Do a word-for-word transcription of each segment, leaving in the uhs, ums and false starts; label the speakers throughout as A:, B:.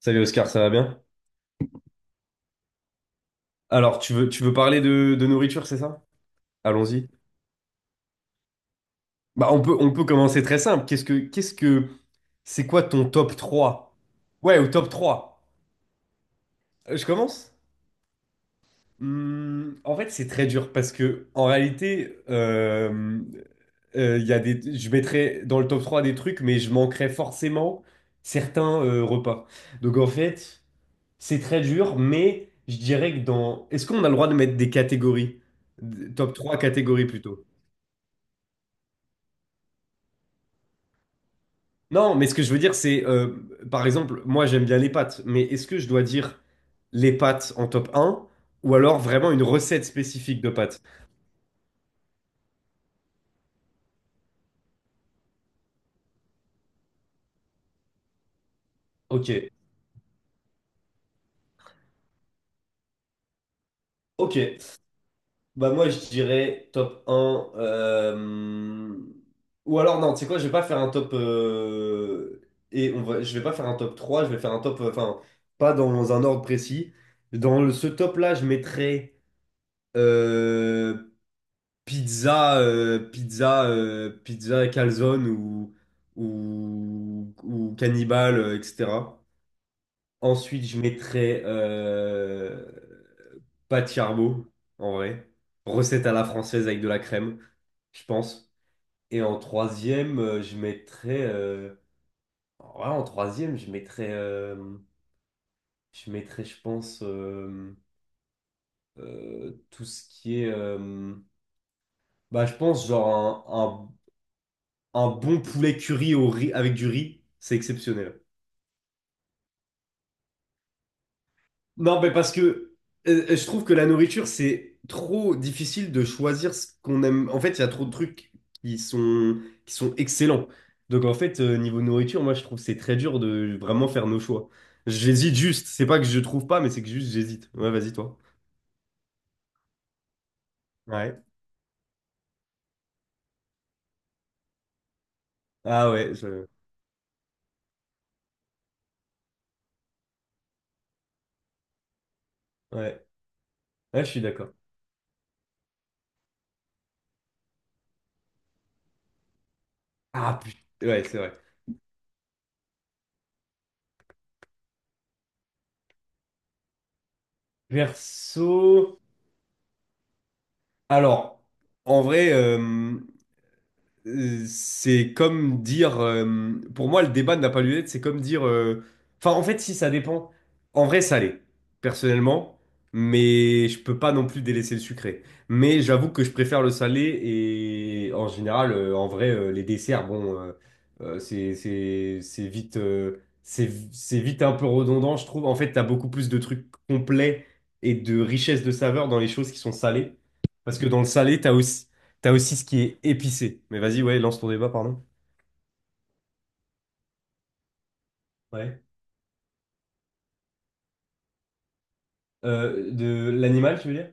A: Salut Oscar, ça va bien? Alors, tu veux, tu veux parler de, de nourriture, c'est ça? Allons-y. Bah, on peut, on peut commencer très simple. Qu'est-ce que, qu'est-ce que, c'est quoi ton top trois? Ouais, au top trois. Euh, Je commence? Hmm, en fait, c'est très dur parce que, en réalité, euh, euh, il y a des, je mettrais dans le top trois des trucs, mais je manquerais forcément certains euh, repas. Donc, en fait, c'est très dur, mais je dirais que dans, est-ce qu'on a le droit de mettre des catégories? D- Top trois catégories plutôt. Non, mais ce que je veux dire, c'est, euh, par exemple, moi j'aime bien les pâtes, mais est-ce que je dois dire les pâtes en top un ou alors vraiment une recette spécifique de pâtes? Ok, ok. Bah moi je dirais top un. euh, Ou alors non, tu sais quoi, je vais pas faire un top... euh, Et on va... je vais pas faire un top trois, je vais faire un top... euh, Enfin, pas dans un ordre précis. Dans le- ce top-là, je mettrais euh, pizza, euh, pizza, euh, pizza et calzone ou, ou, ou cannibale, euh, et cetera. Ensuite, je mettrais euh, pâte charbo, en vrai. Recette à la française avec de la crème, je pense. Et en troisième, euh, je mettrais... euh, ouais, en troisième, je mettrais, euh, je mettrais, je pense, euh, euh, tout ce qui est... euh, bah, je pense genre un bon poulet curry au riz, avec du riz, c'est exceptionnel. Non, mais parce que euh, je trouve que la nourriture, c'est trop difficile de choisir ce qu'on aime. En fait, il y a trop de trucs qui sont, qui sont excellents. Donc, en fait, euh, niveau nourriture, moi, je trouve que c'est très dur de vraiment faire nos choix. J'hésite juste. C'est pas que je trouve pas, mais c'est que juste j'hésite. Ouais, vas-y, toi. Ouais. Ah ouais, je... ouais. Ouais, je suis d'accord. Ah putain. Ouais, c'est vrai. Perso. Alors, en vrai. euh, Euh, c'est comme dire, euh, pour moi, le débat n'a pas lieu d'être. C'est comme dire, euh, enfin, en fait, si ça dépend. En vrai, salé, personnellement, mais je peux pas non plus délaisser le sucré. Mais j'avoue que je préfère le salé et en général, euh, en vrai, euh, les desserts, bon, euh, euh, c'est c'est c'est vite euh, c'est c'est vite un peu redondant, je trouve. En fait, t'as beaucoup plus de trucs complets et de richesse de saveurs dans les choses qui sont salées, parce que dans le salé, t'as aussi t'as aussi ce qui est épicé. Mais vas-y, ouais, lance ton débat, pardon. Ouais. Euh, de l'animal, tu veux dire?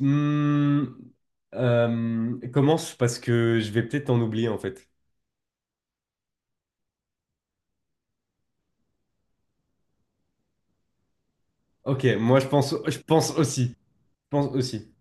A: Hmm, euh, commence parce que je vais peut-être en oublier en fait. Ok, moi je pense, je pense aussi, je pense aussi.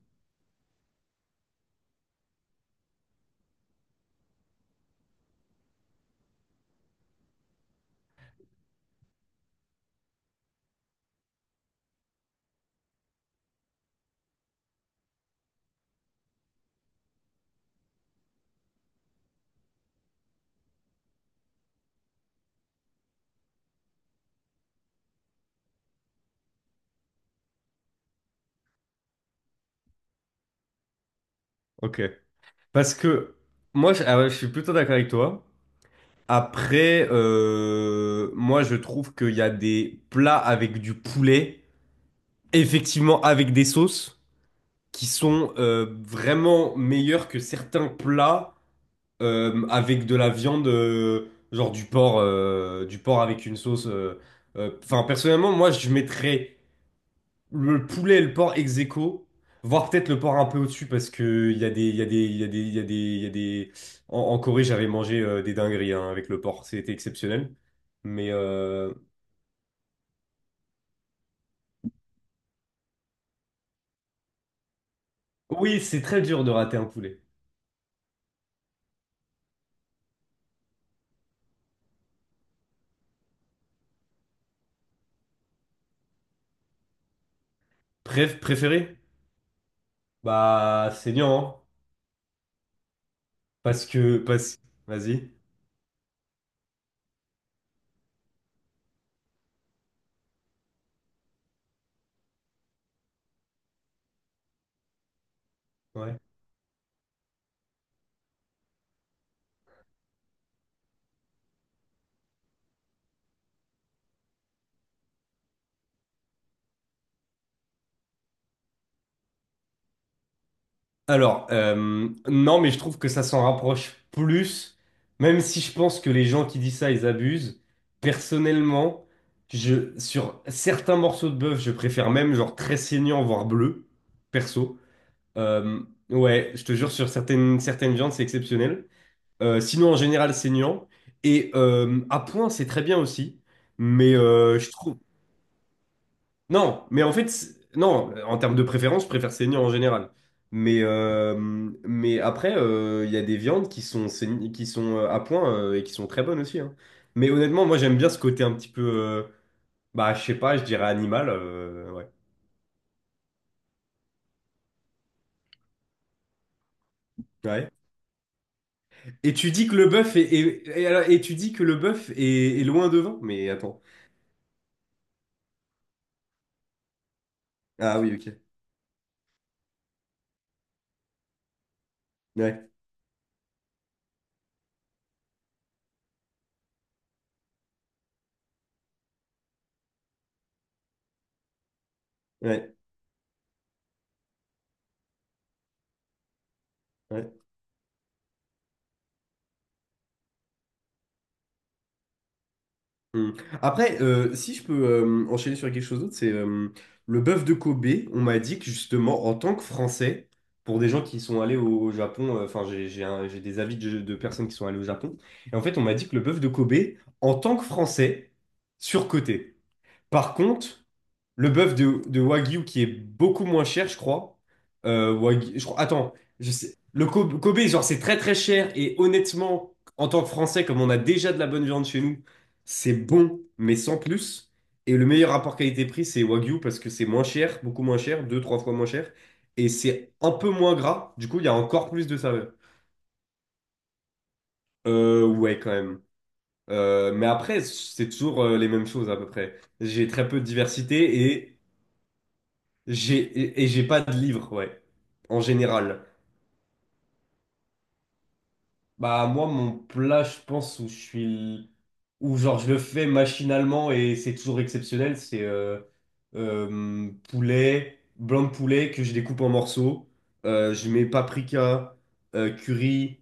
A: Ok, parce que moi je, ah ouais, je suis plutôt d'accord avec toi. Après, euh, moi je trouve qu'il y a des plats avec du poulet, effectivement avec des sauces, qui sont euh, vraiment meilleurs que certains plats euh, avec de la viande, euh, genre du porc, euh, du porc avec une sauce. euh, euh, Enfin, personnellement, moi, je mettrais le poulet et le porc ex aequo, voire peut-être le porc un peu au-dessus, parce que il y a des, il y a des, il y a des, il y a des, il y a des. En, en Corée, j'avais mangé euh, des dingueries hein, avec le porc, c'était exceptionnel. Mais euh, oui, c'est très dur de rater un poulet. Bref, préféré? Bah, saignant, hein, parce que, parce. Vas-y. Ouais. Alors, euh, non, mais je trouve que ça s'en rapproche plus, même si je pense que les gens qui disent ça, ils abusent. Personnellement, je, sur certains morceaux de bœuf, je préfère même genre très saignant, voire bleu, perso. Euh, ouais, je te jure, sur certaines, certaines viandes, c'est exceptionnel. Euh, sinon, en général, saignant. Et euh, à point, c'est très bien aussi. Mais euh, je trouve, non, mais en fait, c'est- non, en termes de préférence, je préfère saignant en général. Mais, euh, mais après, euh, il y a des viandes qui sont, saign- qui sont euh, à point euh, et qui sont très bonnes aussi, hein. Mais honnêtement, moi, j'aime bien ce côté un petit peu, euh, bah, je sais pas, je dirais animal. Euh, ouais. Ouais. Et tu dis que le bœuf est, est- et, alors- et tu dis que le bœuf est, est loin devant? Mais attends. Ah oui, ok. Ouais, ouais, ouais. Hmm. Après, euh, si je peux euh, enchaîner sur quelque chose d'autre, c'est euh, le bœuf de Kobe. On m'a dit que justement, en tant que Français, pour des gens qui sont allés au, au Japon, euh, enfin, j'ai j'ai un- j'ai des avis de, de personnes qui sont allées au Japon, et en fait, on m'a dit que le bœuf de Kobe, en tant que Français, surcoté. Par contre, le bœuf de, de Wagyu qui est beaucoup moins cher, je crois. Euh, Wagyu- je crois. Attends, je sais. Le Kobe, Kobe, genre, c'est très très cher. Et honnêtement, en tant que Français, comme on a déjà de la bonne viande chez nous, c'est bon, mais sans plus. Et le meilleur rapport qualité-prix, c'est Wagyu parce que c'est moins cher, beaucoup moins cher, deux, trois fois moins cher. Et c'est un peu moins gras. Du coup, il y a encore plus de saveur. Euh, ouais, quand même. Euh, mais après, c'est toujours euh, les mêmes choses à peu près. J'ai très peu de diversité. J'ai, et et j'ai pas de livre, ouais, en général. Bah, moi, mon plat, je pense, où je suis. Où, genre, je le fais machinalement et c'est toujours exceptionnel, c'est euh, euh, poulet, blanc de poulet que je découpe en morceaux. Euh, je mets paprika, euh, curry,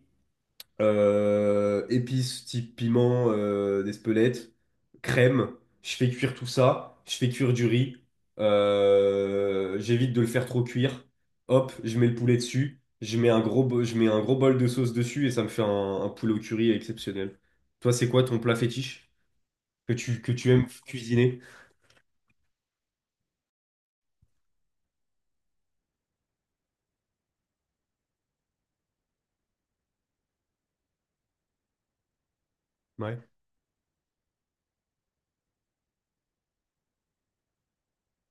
A: euh, épices type piment, euh, d'Espelette, crème. Je fais cuire tout ça. Je fais cuire du riz. Euh, j'évite de le faire trop cuire. Hop, je mets le poulet dessus. Je mets un gros, bo- je mets un gros bol de sauce dessus et ça me fait un, un poulet au curry exceptionnel. Toi, c'est quoi ton plat fétiche que tu, que tu aimes cuisiner? Ouais.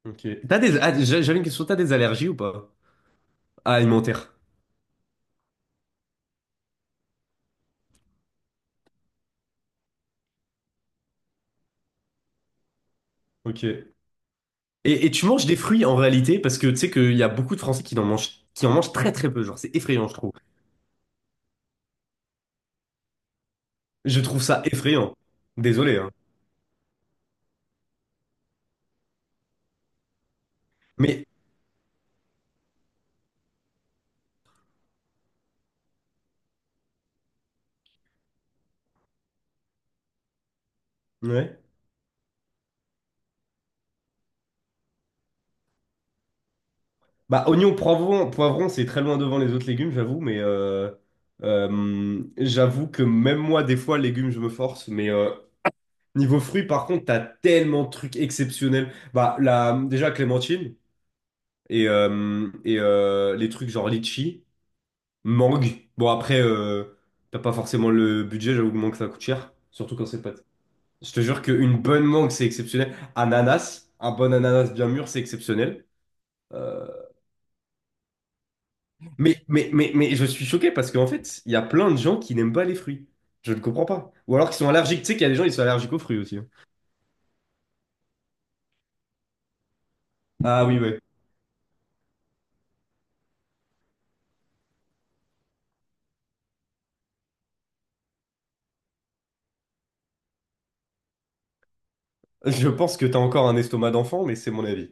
A: Ok. T'as des, ah, j'a- j'avais une question. T'as des allergies ou pas? Ah, alimentaire. Ok. Et, et tu manges des fruits en réalité parce que tu sais qu'il y a beaucoup de Français qui en mangent, qui en mangent très très peu. Genre, c'est effrayant, je trouve. Je trouve ça effrayant. Désolé, hein. Mais, ouais. Bah, oignon, poivron, poivron, c'est très loin devant les autres légumes, j'avoue, mais euh, euh, j'avoue que même moi, des fois, légumes, je me force. Mais euh, niveau fruits, par contre, t'as tellement de trucs exceptionnels. Bah, la, déjà, clémentine et, euh, et euh, les trucs genre litchi. Mangue. Bon, après, euh, t'as pas forcément le budget, j'avoue que mangue, ça coûte cher. Surtout quand c'est pâte. Je te jure qu'une bonne mangue, c'est exceptionnel. Ananas, un bon ananas bien mûr, c'est exceptionnel. Euh, mais, mais, mais, mais je suis choqué parce qu'en fait, il y a plein de gens qui n'aiment pas les fruits. Je ne comprends pas. Ou alors qu'ils sont allergiques. Tu sais qu'il y a des gens, ils sont allergiques aux fruits aussi, hein. Ah oui, ouais. Je pense que t'as encore un estomac d'enfant, mais c'est mon avis.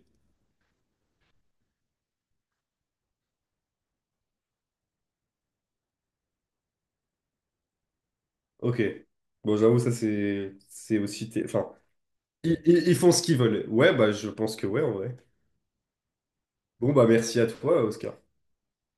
A: Ok. Bon, j'avoue, ça, c'est c'est aussi... t- Enfin, ils, ils- ils font ce qu'ils veulent. Ouais, bah, je pense que ouais, en vrai. Bon, bah, merci à toi, Oscar.